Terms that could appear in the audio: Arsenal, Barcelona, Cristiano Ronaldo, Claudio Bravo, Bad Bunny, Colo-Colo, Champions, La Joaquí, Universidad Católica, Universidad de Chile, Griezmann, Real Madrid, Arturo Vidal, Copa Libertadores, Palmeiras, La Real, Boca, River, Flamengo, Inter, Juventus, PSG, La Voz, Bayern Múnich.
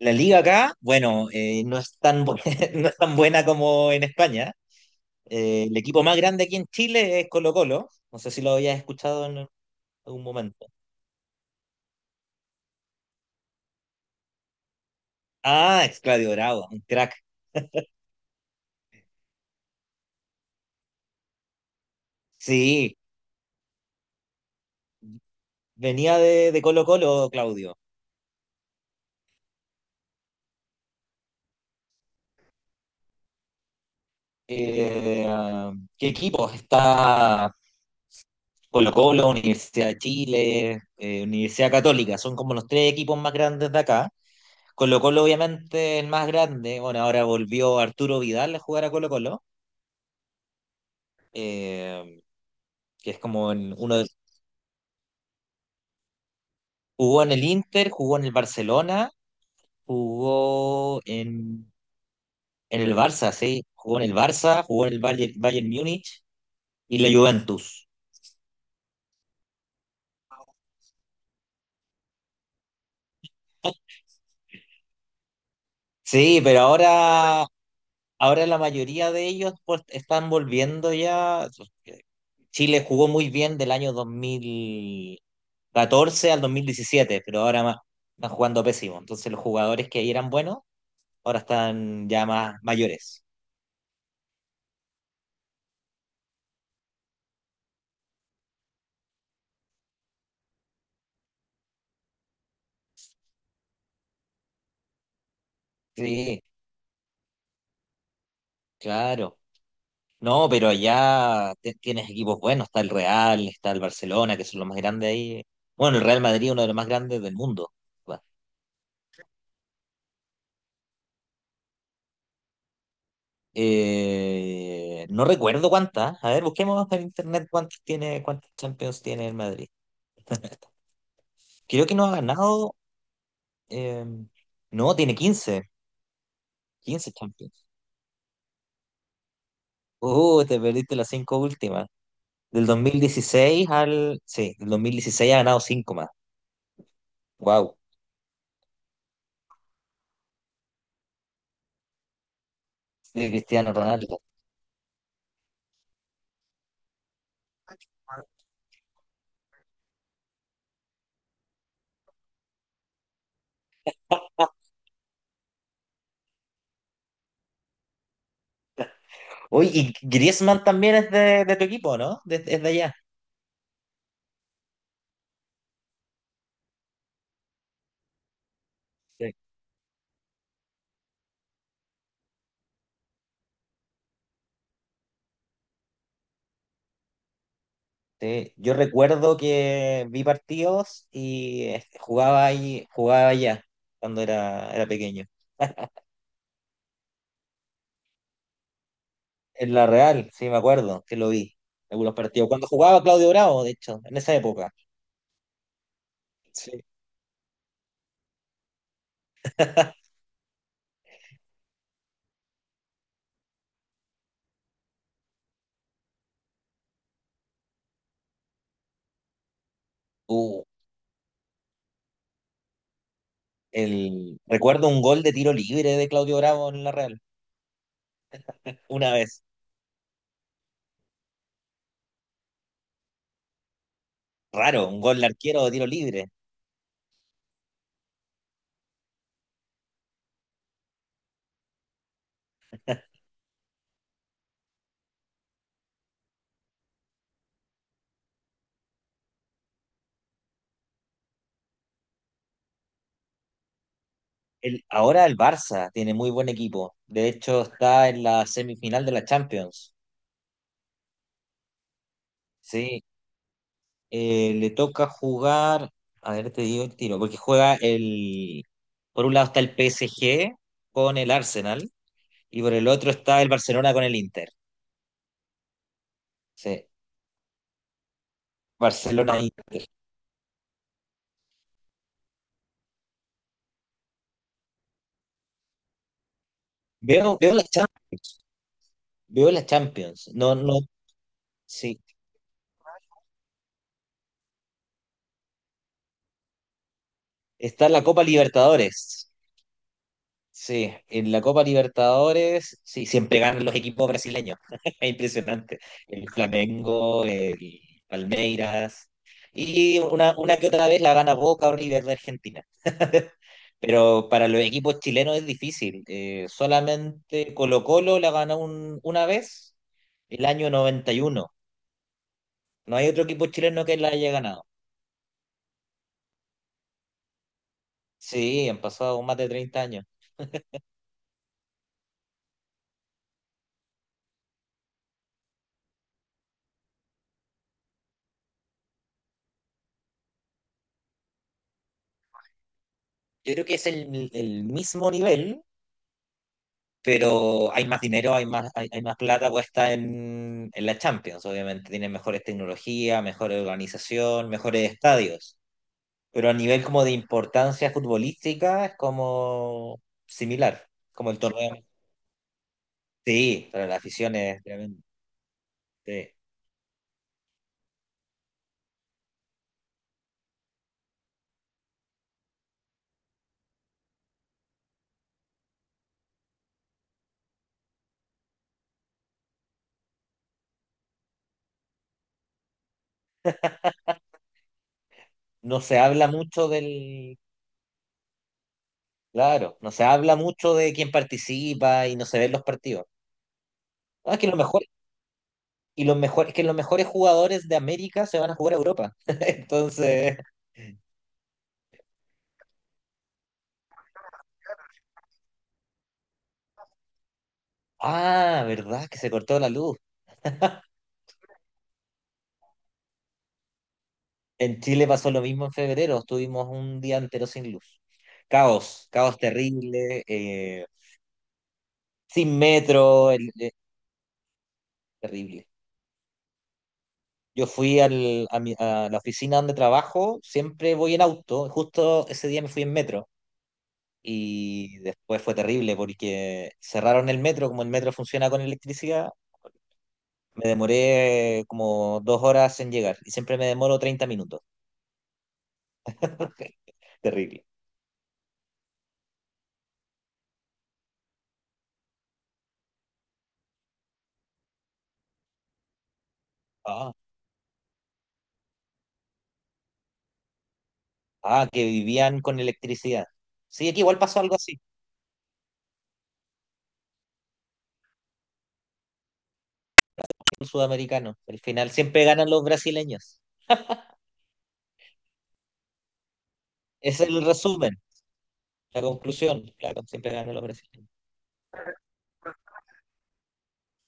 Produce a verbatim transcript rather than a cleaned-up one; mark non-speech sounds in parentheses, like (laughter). La liga acá, bueno, eh, no es tan, bu- (laughs) no es tan buena como en España. Eh, el equipo más grande aquí en Chile es Colo-Colo. No sé si lo habías escuchado en algún momento. Ah, es Claudio Bravo, un crack. Sí, venía de, de Colo-Colo, Claudio. Eh, ah, ¿qué equipos? Está Colo-Colo, Universidad de Chile, eh, Universidad Católica. Son como los tres equipos más grandes de acá. Colo-Colo, obviamente, el más grande. Bueno, ahora volvió Arturo Vidal a jugar a Colo-Colo. Que es como en uno de- Jugó en el Inter, jugó en el Barcelona, jugó en, en el Barça, sí, jugó en el Barça, jugó en el Bayern, Bayern Múnich y la Juventus. Sí, pero ahora, ahora la mayoría de ellos pues, están volviendo ya. Chile jugó muy bien del año dos mil catorce al dos mil diecisiete pero ahora más, están jugando pésimo. Entonces los jugadores que ahí eran buenos, ahora están ya más mayores. Sí, claro. No, pero allá te- tienes equipos buenos, está el Real, está el Barcelona, que son los más grandes ahí. Bueno, el Real Madrid, uno de los más grandes del mundo. Va. Eh, no recuerdo cuántas. A ver, busquemos en internet cuántas tiene, cuántas Champions tiene el Madrid. Creo que no ha ganado. eh, no, tiene quince, quince Champions. Uh, te perdiste las cinco últimas. Del dos mil dieciséis al. Sí, del dos mil dieciséis ha ganado cinco más. Wow. De Cristiano Ronaldo. Oye, y Griezmann también es de, de tu equipo, ¿no? De- es de allá. Sí. Sí, yo recuerdo que vi partidos y eh, jugaba ahí, jugaba allá cuando era, era pequeño. En la Real, sí, me acuerdo que lo vi. Algunos partidos. Cuando jugaba Claudio Bravo, de hecho, en esa época. Sí. Uh, el... Recuerdo un gol de tiro libre de Claudio Bravo en la Real. Una vez. Raro, un gol de arquero de tiro libre. El... Ahora el Barça tiene muy buen equipo. De hecho, está en la semifinal de la Champions. Sí, eh, le toca jugar, a ver, te digo el tiro, porque juega el, por un lado está el P S G con el Arsenal y por el otro está el Barcelona con el Inter. Sí, Barcelona. Inter. Veo, veo la Champions, veo la Champions. No, no, sí, está la Copa Libertadores. Sí, en la Copa Libertadores, sí, siempre ganan los equipos brasileños. (laughs) Es impresionante. El Flamengo, el Palmeiras. Y una, una que otra vez la gana Boca o River de Argentina. (laughs) Pero para los equipos chilenos es difícil. Eh, solamente Colo-Colo la gana un- una vez, el año noventa y uno. No hay otro equipo chileno que la haya ganado. Sí, han pasado más de treinta años. Yo creo que es el, el mismo nivel, pero hay más dinero, hay más, hay, hay más plata puesta en, en la Champions, obviamente. Tienen mejores tecnologías, mejor organización, mejores estadios. Pero a nivel como de importancia futbolística es como similar, como el torneo. Sí, para la afición es tremendo. Sí. No se habla mucho del... Claro, no se habla mucho de quién participa y no se ven los partidos. No, que los mejores, y los mejores, que los mejores jugadores de América se van a jugar a Europa. (laughs) Entonces... Ah, ¿verdad? Que se cortó la luz. En Chile pasó lo mismo en febrero, estuvimos un día entero sin luz. Caos, caos terrible, eh, sin metro, el- eh, terrible. Yo fui al- a, mi- a la oficina donde trabajo, siempre voy en auto, justo ese día me fui en metro y después fue terrible porque cerraron el metro, como el metro funciona con electricidad, me demoré como dos horas en llegar y siempre me demoro treinta minutos. (laughs) Terrible. Ah. Ah, que vivían con electricidad. Sí, aquí igual pasó algo así, el sudamericano. Al final siempre ganan los brasileños. Ese es el resumen, la conclusión. Claro, siempre ganan los brasileños.